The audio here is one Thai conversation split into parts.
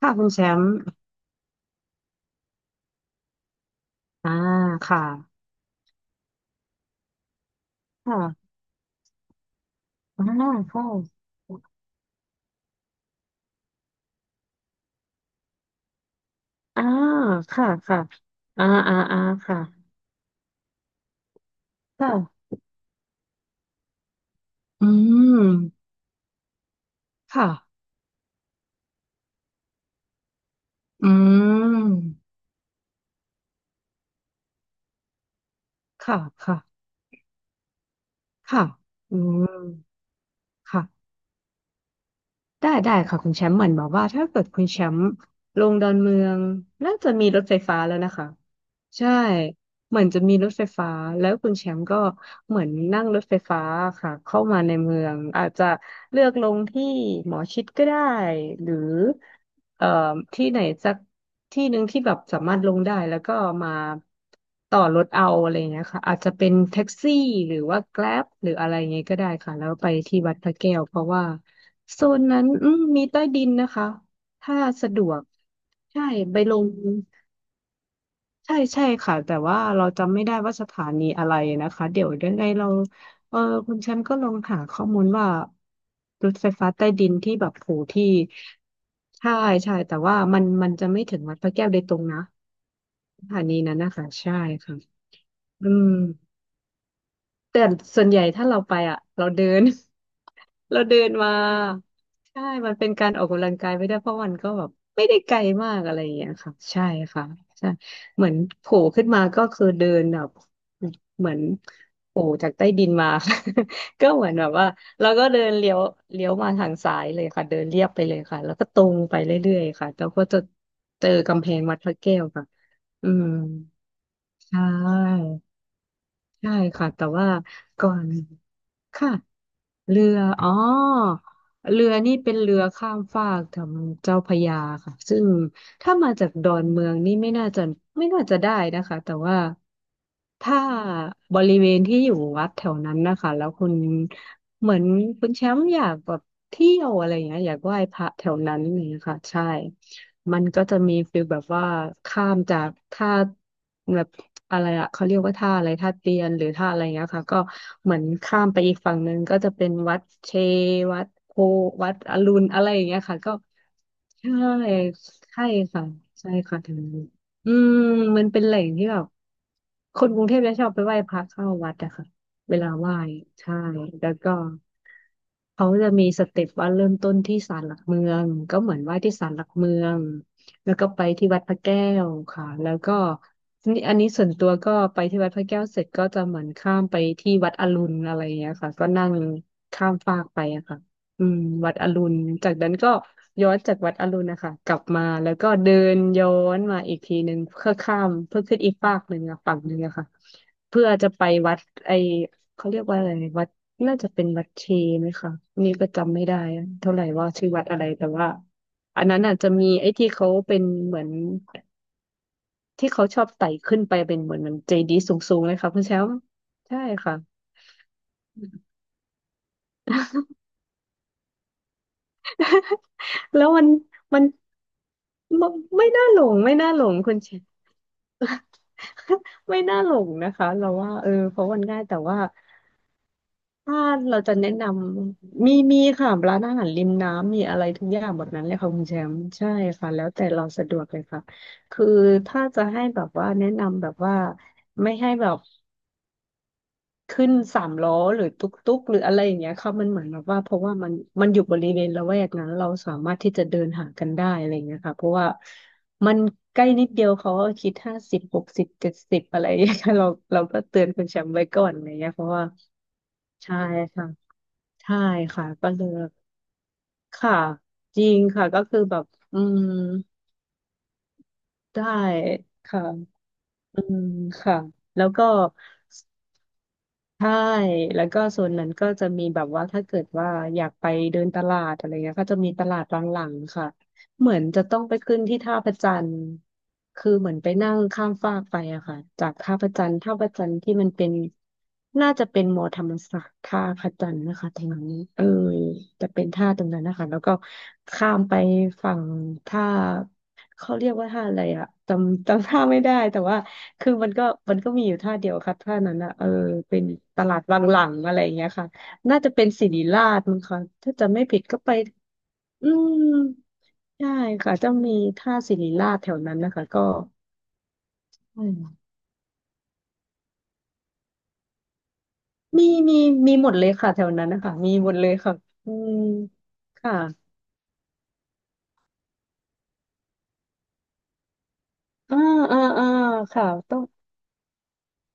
ค่ะคุณแชมป์อ่าค่ะค่ะอ่าค่ะอ่าค่ะค่ะอ่าอ่าอ่าค่ะค่ะอืมค่ะอืมค่ะค่ะค่ะอืมค่ะ ได้ได้ค่ะคุณแชมป์เหมือนบอกว่าถ้าเกิดคุณแชมป์ลงดอนเมืองน่าจะมีรถไฟฟ้าแล้วนะคะใช่เหมือนจะมีรถไฟฟ้าแล้วคุณแชมป์ก็เหมือนนั่งรถไฟฟ้าค่ะเข้ามาในเมืองอาจจะเลือกลงที่หมอชิดก็ได้หรือเอ่อที่ไหนสักที่หนึ่งที่แบบสามารถลงได้แล้วก็มาต่อรถเอาอะไรอย่างเงี้ยค่ะอาจจะเป็นแท็กซี่หรือว่าแกร็บหรืออะไรอย่างเงี้ยก็ได้ค่ะแล้วไปที่วัดพระแก้วเพราะว่า โซนนั้นอืมมีใต้ดินนะคะ ถ้าสะดวกใช่ไปลงใช่ใช่ค่ะแต่ว่าเราจำไม่ได้ว่าสถานีอะไรนะคะเดี๋ยวยังไงเราเออคุณแชมป์ก็ลองหาข้อมูลว่ารถไฟฟ้าใต้ดินที่แบบโหที่ใช่ใช่แต่ว่ามันจะไม่ถึงวัดพระแก้วโดยตรงนะสถานีนั้นนะคะใช่ค่ะอืม แต่ส่วนใหญ่ถ้าเราไปอ่ะเราเดิน เราเดินมาใช่มันเป็นการออกกำลังกายไปได้วยเพราะมันก็แบบไม่ได้ไกลมากอะไรอย่างเงี้ยค่ะใช่ค่ะใช่เหมือนโผล่ขึ้นมาก็คือเดินแบบเหมือนโผล่จากใต้ดินมา ก็เหมือนแบบว่าเราก็เดินเลี้ยวเลี้ยวมาทางซ้ายเลยค่ะเดินเรียบไปเลยค่ะแล้วก็ตรงไปเรื่อยๆค่ะแล้วก็จะเจอกำแพงวัดพระแก้วค่ะอืมใช่ ใช่ค่ะแต่ว่าก่อนค่ะเรืออ๋อเรือนี่เป็นเรือข้ามฟากทางเจ้าพระยาค่ะซึ่งถ้ามาจากดอนเมืองนี่ไม่น่าจะไม่น่าจะได้นะคะแต่ว่าถ้าบริเวณที่อยู่วัดแถวนั้นนะคะแล้วคุณเหมือนคุณแชมป์อยากแบบเที่ยวอะไรอย่างเงี้ยอยากไหว้พระแถวนั้นนี่างเงี้ยค่ะใช่ มันก็จะมีฟิลแบบว่าข้ามจากท่าแบบอะไรอะเขาเรียกว่าท่าอะไรท่าเตียนหรือท่าอะไรเงี้ยค่ะก็เหมือนข้ามไปอีกฝั่งหนึ่งก็จะเป็นวัดเชวัดโพวัดอรุณอะไรอย่างเงี้ยค่ะก็ใช่ใช่ค่ะใช่ค่ะถึงนี้อืมมันเป็นแหล่งที่แบบคนกรุงเทพจะชอบไปไหว้พระเข้าวัดอะค่ะเวลาไหว้ใช่แล้วก็ เขาจะมีสเต็ปว่าเริ่มต้นที่ศาลหลักเมืองก็เหมือนไหว้ที่ศาลหลักเมืองแล้วก็ไปที่วัดพระแก้วค่ะแล้วก็นี่อันนี้ส่วนตัวก็ไปที่วัดพระแก้วเสร็จก็จะเหมือนข้ามไปที่วัดอรุณอะไรอย่างเงี้ยค่ะก็นั่งข้ามฟากไปอะค่ะอืมวัดอรุณจากนั้นก็ย้อนจากวัดอรุณนะคะกลับมาแล้วก็เดินย้อนมาอีกทีหนึ่งเพื่อข้ามเพื่อขึ้นอีกฟากหนึ่งอะฝั่งหนึ่งอะค่ะเพื่อจะไปวัดไอ เขาเรียกว่าอะไรวัดน่าจะเป็นวัดเชไหมคะอันนี้ก็จำไม่ได้เท่าไหร่ว่าชื่อวัดอะไรแต่ว่าอันนั้นอาจจะมีไอ้ที่เขาเป็นเหมือนที่เขาชอบไต่ขึ้นไปเป็นเหมือนเหมือนเจดีย์สูงๆเลยค่ะคุณแชมป์ใช่ค่ะแล้วมันไม่ไม่น่าหลงไม่น่าหลงคุณแชมป์ ไม่น่าหลงนะคะเราว่าเออเพราะมันง่ายแต่ว่า ถ้าเราจะแนะนำมีมีค่ะร้านอาหารริมน้ำมีอะไรทุกอย่างหมดนั้นเลยค่ะคุณแชมป์ใช่ค่ะแล้วแต่เราสะดวกเลยค่ะคือถ้าจะให้แบบว่าแนะนำแบบว่าไม่ให้แบบขึ้นสามล้อหรือตุ๊กตุ๊กหรืออะไรอย่างเงี้ยค่ะมันเหมือนแบบว่าเพราะว่ามันอยู่บริเวณละแวกนั้นเราสามารถที่จะเดินหากันได้อะไรอย่างเงี้ยค่ะเพราะว่ามันใกล้นิดเดียวเขาก็คิด506070อะไรอย่างเงี้ย ค่ะเราเราก็เตือนคุณแชมป์ไว้ก่อนอะไรอย่างเงี้ยเพราะว่าใช่ค่ะ ใช่ค่ะก็เลยค่ะจริงค่ะก็คือแบบอืมได้ค่ะอืมค่ะแล้วก็ ใช่แล้วก็โซนนั้นก็จะมีแบบว่าถ้าเกิดว่าอยากไปเดินตลาดอะไรเงี้ยก็จะมีตลาดบางหลังๆค่ะเหมือนจะต้องไปขึ้นที่ท่าพระจันทร์คือเหมือนไปนั่งข้ามฟากไปอะค่ะจากท่าพระจันทร์ท่าพระจันทร์ที่มันเป็นน่าจะเป็นมอธรรมศาสตร์ท่าพระจันทร์นะคะแถวนี้เออจะเป็นท่าตรงนั้นนะคะแล้วก็ข้ามไปฝั่งท่า เขาเรียกว่าท่าอะไรอะจำท่าไม่ได้แต่ว่า คือมันก็มันก็มีอยู่ท่าเดียวครับท่านั้นอะเออเป็นตลาดวังหลังอะไรอย่างเงี้ยค่ะน่าจะเป็นศิริราชมั้งคะถ้าจะไม่ผิดก็ไปอืมใช่ค่ะจะมีท่าศิริราชแถวนั้นนะคะก็อืมมีมีมีหมดเลยค่ะแถวนั้นนะคะมีหมดเลยค่ะอืมค่ะอ่าอ่าค่ะต้อง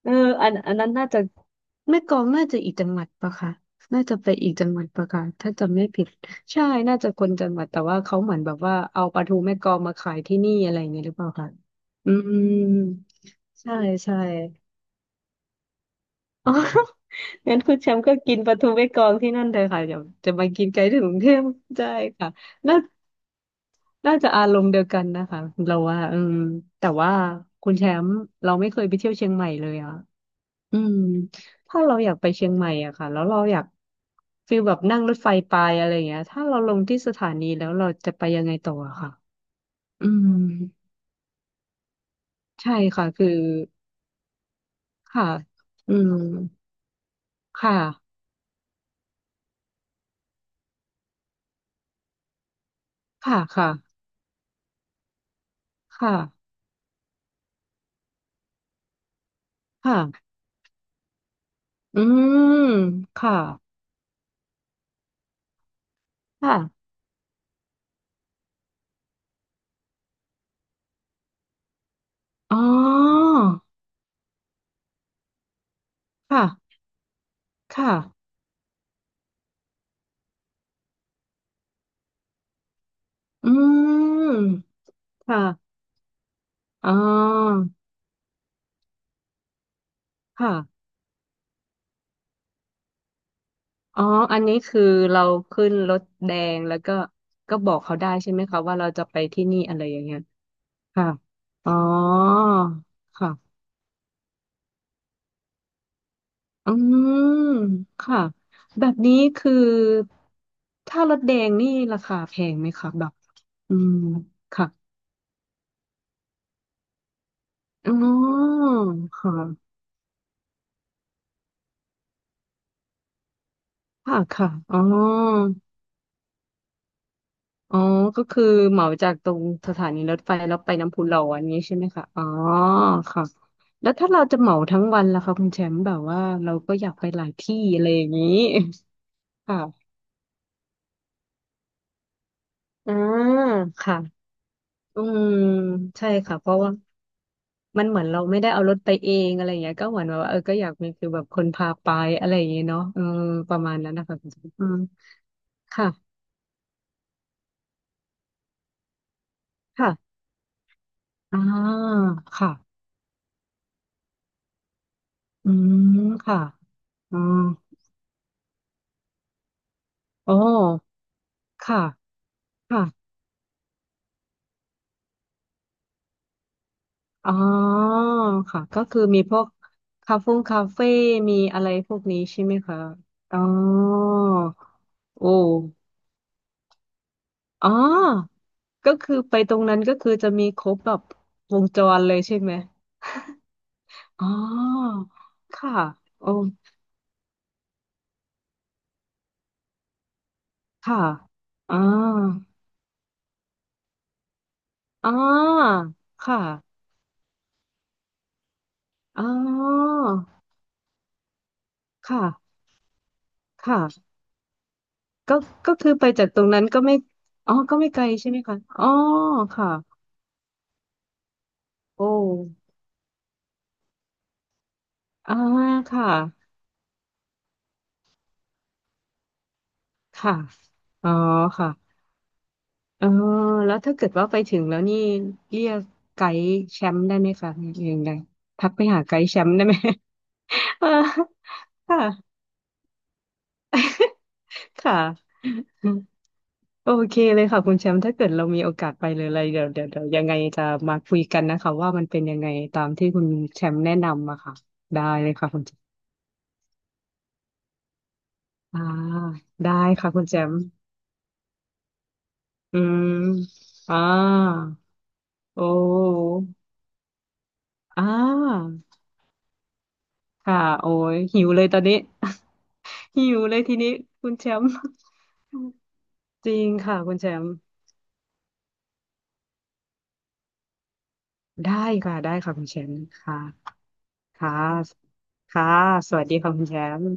เอออันนั้นน่าจะแม่กลองน่าจะอีกจังหวัดปะคะน่าจะไปอีกจังหวัดปะคะถ้าจำไม่ผิดใช่น่าจะคนจังหวัดแต่ว่าเขาเหมือนแบบว่าเอาปลาทูแม่กลองมาขายที่นี่อะไรอย่างเงี้ยหรือเปล่าคะอืมใช่ใช่อ๋อ งั้นคุณแชมป์ก็กินปลาทูแม่กลองที่นั่นเลยค่ะเดี๋ยวจะมากินไกลถึงกรุงเทพใช่ค่ะน่าน่าจะอารมณ์เดียวกันนะคะเราว่าอืมแต่ว่าคุณแชมป์เราไม่เคยไปเที่ยวเชียงใหม่เลยอ่ะ อืมถ้าเราอยากไปเชียงใหม่อะค่ะแล้วเราอยากฟีลแบบนั่งรถไฟไปอะไรเงี้ยถ้าเราลงที่สถานีแล้วเราจะไปยังไงต่ออะค่ะอืมใช่ค่ะคือค่ะอืมค่ะค่ะค่ะค่ะค่ะอืมค่ะค่ะอ๋อค่ะค่ะอืมค่ะอ๋อค่ะ อ๋ออันนี้คือเราขึ้นรถแดงแล้วก็ก็บอกเขาได้ใช่ไหมคะว่าเราจะไปที่นี่อะไรอย่างเงี้ยค่ะอ๋อค่ะอืมค่ะแบบนี้คือถ้ารถแดงนี่ราคาแพงไหมคะแบบอืมค่ะอ๋อค่ะค่ะค่ะอ๋อ อ๋อก็คือเหมาจากตรงสถานีรถไฟแล้วไปน้ำพุร้อนนี้ใช่ไหมคะอ๋อค่ะแล้วถ้าเราจะเหมาทั้งวันล่ะคะคุณแชมป์แบบว่าเราก็อยากไปหลายที่อะไรอย่างนี้ ค่ะอืมค่ะอืมใช่ค่ะเพราะว่ามันเหมือนเราไม่ได้เอารถไปเองอะไรอย่างเงี้ยก็เหมือนแบบว่าเออก็อยากมีคือแบบคนพาไปอะไรอย่างเงี้ยเนาะเออประมาณนั้นนะคะคุณแชมป์อืมค่ะค่ะอ่าค่ะอืมค่ะอืมอ๋อค่ะค่ะ อ๋อค่ะก็คือมีพวกคาเฟ่มีอะไรพวกนี้ใช่ไหมคะอ๋อโอ้อ๋อก็คือไปตรงนั้นก็คือจะมีครบแบบวงจรเลยใช่ไหมอ๋อค่ะโอ้ค่ะอ๋ออ๋อค่ะอ๋อค่ะค่ะก็ก็คือไปจากตรงนั้นก็ไม่อ๋อก็ไม่ไกลใช่ไหมคะอ๋อค่ะโอ้อ่าค่ะ ค่ะอ๋อค่ะเออแล้วถ้าเกิดว่าไปถึงแล้วนี่เรียกไกด์แชมป์ได้ไหมคะเรียังไงทักไปหาไกด์แชมป์ได้ไหม เออค่ะค่ะโอเคเลยค่ะคุณแชมป์ถ้าเกิดเรามีโอกาสไปเลยอะไรเดี๋ยวยังไงจะมาคุยกันนะคะว่ามันเป็นยังไงตามที่คุณแชมป์แนะนำอะค่ะได้เลยค่ะคุณแชมป์อ่าได้ค่ะคุณแชมป์อืมอ่าโอ้อ่าค่ะโอ้ยหิวเลยตอนนี้ หิวเลยทีนี้คุณแชมป์ จริงค่ะคุณแชมป์ได้ค่ะได้ค่ะคุณแชมป์ค่ะค่ะค่ะสวัสดีค่ะคุณแชมป์